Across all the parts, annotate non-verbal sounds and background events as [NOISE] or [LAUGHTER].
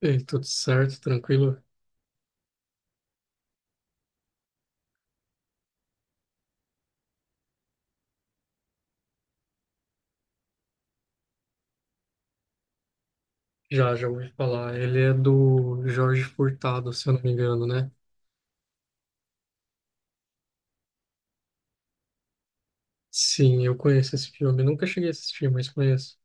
Ei, tudo certo, tranquilo? Já ouvi falar. Ele é do Jorge Furtado, se eu não me engano, né? Sim, eu conheço esse filme. Nunca cheguei a assistir, mas conheço.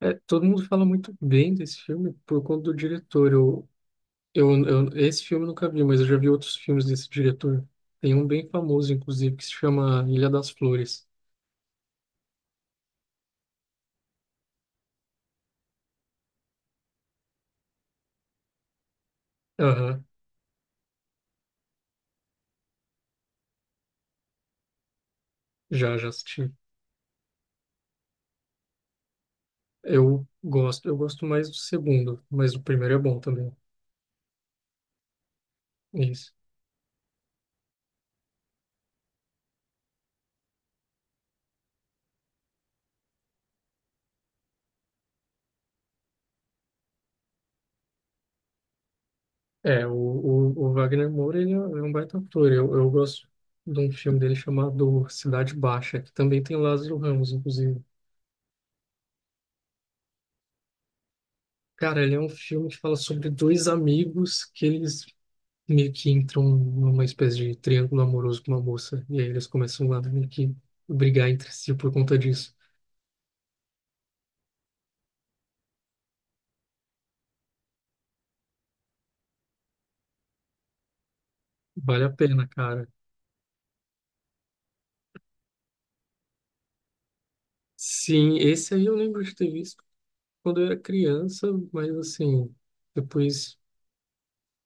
É, todo mundo fala muito bem desse filme por conta do diretor. Eu, esse filme eu nunca vi, mas eu já vi outros filmes desse diretor. Tem um bem famoso, inclusive, que se chama Ilha das Flores. Aham, já assisti. Eu gosto mais do segundo, mas o primeiro é bom também. Isso. É, o Wagner Moura, ele é um baita ator. Eu gosto de um filme dele chamado Cidade Baixa, que também tem o Lázaro Ramos, inclusive. Cara, ele é um filme que fala sobre dois amigos que eles meio que entram numa espécie de triângulo amoroso com uma moça. E aí eles começam a meio que brigar entre si por conta disso. Vale a pena, cara. Sim, esse aí eu lembro de ter visto quando eu era criança, mas assim, depois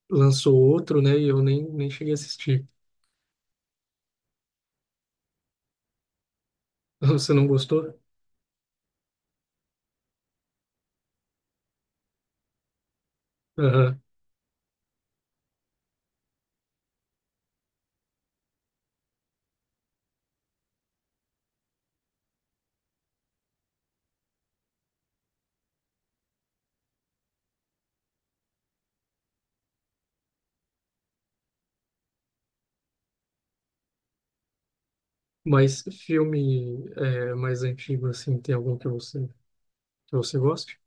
lançou outro, né? E eu nem cheguei a assistir. [LAUGHS] Você não gostou? Aham. Mas filme é, mais antigo, assim, tem algum que você goste?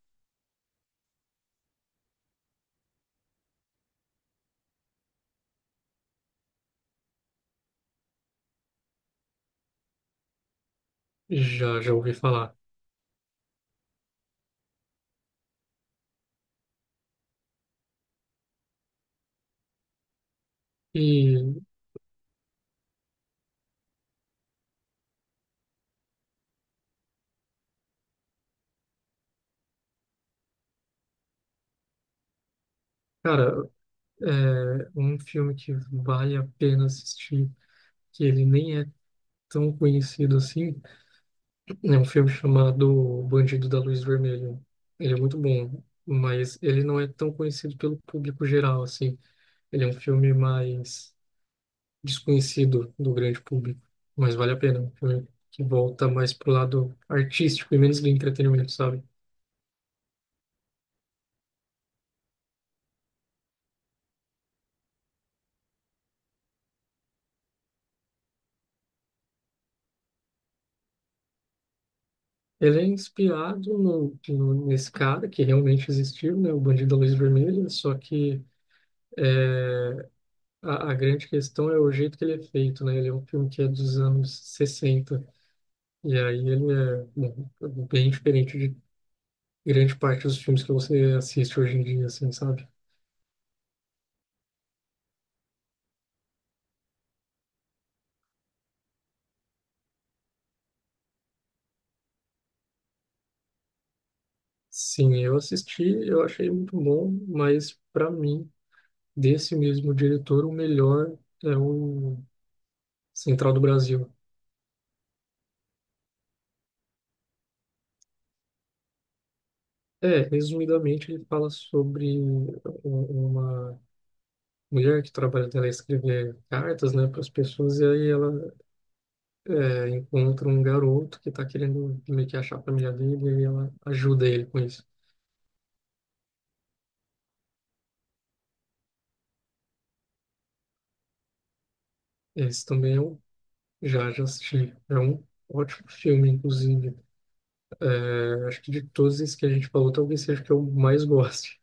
Já ouvi falar. E, cara, é um filme que vale a pena assistir, que ele nem é tão conhecido assim, é um filme chamado Bandido da Luz Vermelha. Ele é muito bom, mas ele não é tão conhecido pelo público geral, assim. Ele é um filme mais desconhecido do grande público, mas vale a pena. Um filme que volta mais pro lado artístico e menos do entretenimento, sabe? Ele é inspirado nesse cara que realmente existiu, né? O Bandido da Luz Vermelha, só que é, a grande questão é o jeito que ele é feito, né? Ele é um filme que é dos anos 60 e aí ele é bom, bem diferente de grande parte dos filmes que você assiste hoje em dia, assim, sabe? Sim, eu assisti, eu achei muito bom, mas para mim desse mesmo diretor, o melhor é o Central do Brasil. É, resumidamente, ele fala sobre uma mulher que trabalha dela escrever cartas, né, para as pessoas, e aí ela é, encontra um garoto que está querendo meio que achar a família dele, e aí ela ajuda ele com isso. Esse também eu já assisti. É um ótimo filme, inclusive. É, acho que de todos esses que a gente falou, talvez seja o que eu mais goste.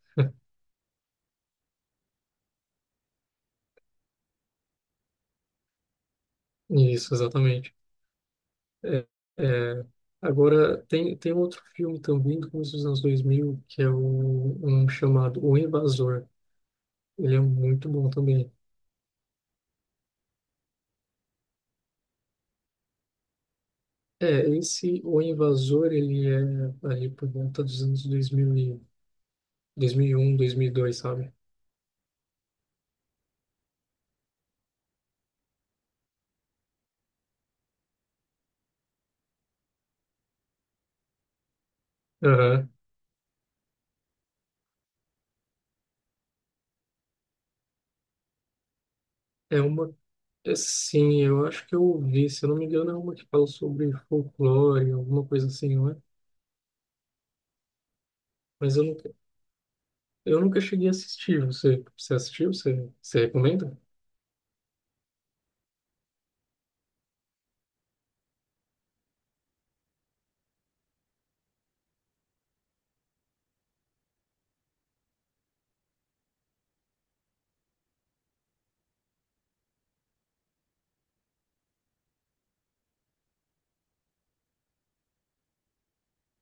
Isso, exatamente. É, é, agora, tem outro filme também do começo dos anos 2000 que é o, um chamado O Invasor. Ele é muito bom também. É, esse O Invasor, ele é ali por volta dos anos 2000 e, 2001, 2002, sabe? Aham. É uma... é, sim, eu acho que eu ouvi, se eu não me engano, é uma que fala sobre folclore, alguma coisa assim, não é? Mas eu nunca cheguei a assistir. Você assistiu? Você recomenda?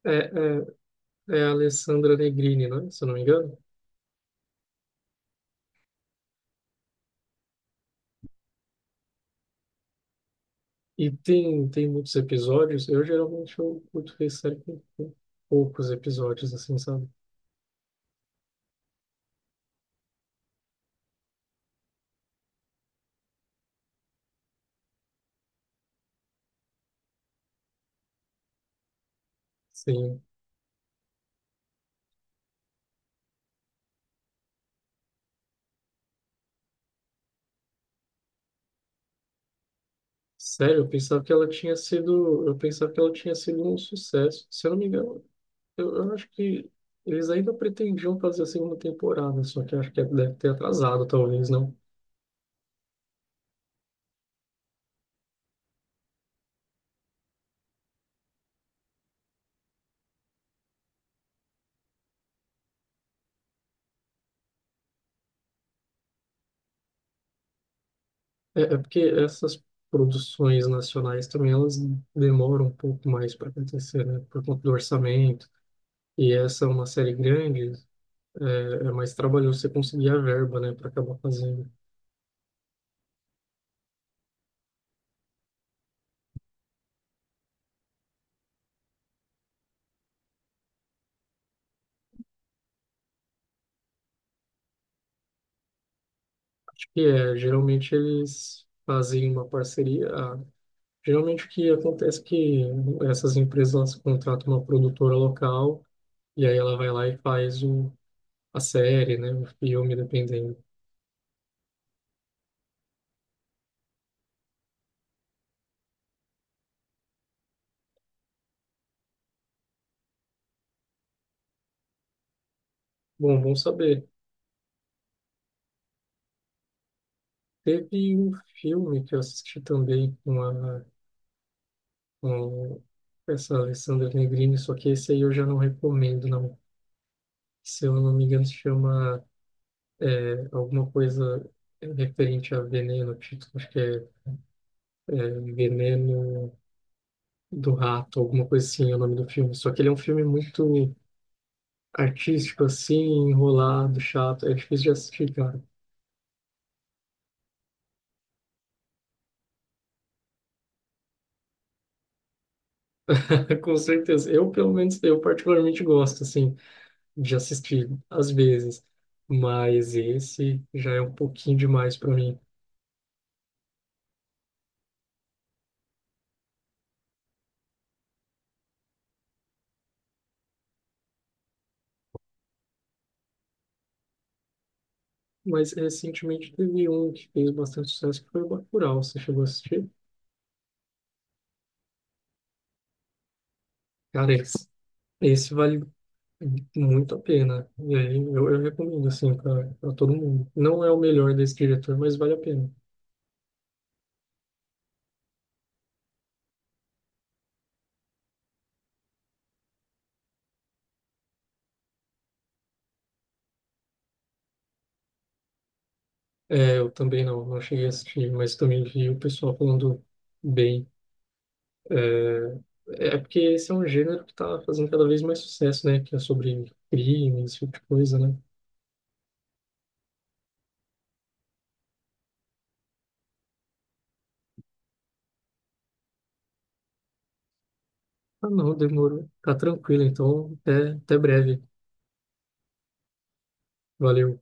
É, é, É a Alessandra Negrini, né? Se eu não me engano. E tem muitos episódios. Eu geralmente eu curto ver série com poucos episódios, assim, sabe? Sim. Sério, eu pensava que ela tinha sido. Eu pensava que ela tinha sido um sucesso. Se eu não me engano, eu acho que eles ainda pretendiam fazer a segunda temporada, só que eu acho que deve ter atrasado, talvez, não? É porque essas produções nacionais também elas demoram um pouco mais para acontecer, né? Por conta do orçamento. E essa é uma série grande, é mais trabalhoso você conseguir a verba, né, para acabar fazendo. E é, geralmente eles fazem uma parceria. Geralmente o que acontece é que essas empresas elas contratam uma produtora local e aí ela vai lá e faz o, a série, né, o filme, dependendo. Bom, bom saber. Teve um filme que eu assisti também com a, com essa Alessandra Negrini, só que esse aí eu já não recomendo, não. Se eu não me engano, se chama é, alguma coisa referente a veneno, tipo, acho que é, é Veneno do Rato, alguma coisa assim, é o nome do filme. Só que ele é um filme muito artístico, assim, enrolado, chato, é difícil de assistir, cara. [LAUGHS] Com certeza. Eu, pelo menos, eu particularmente gosto, assim, de assistir, às vezes. Mas esse já é um pouquinho demais para mim. Mas recentemente teve um que fez bastante sucesso, que foi o Bacurau. Você chegou a assistir? Cara, esse vale muito a pena. E aí eu recomendo, assim, para todo mundo. Não é o melhor desse diretor, mas vale a pena. É, eu também não cheguei a assistir, mas também vi o pessoal falando bem. É porque esse é um gênero que tá fazendo cada vez mais sucesso, né? Que é sobre crime, esse tipo de coisa, né? Ah, não, demorou. Tá tranquilo, então até breve. Valeu.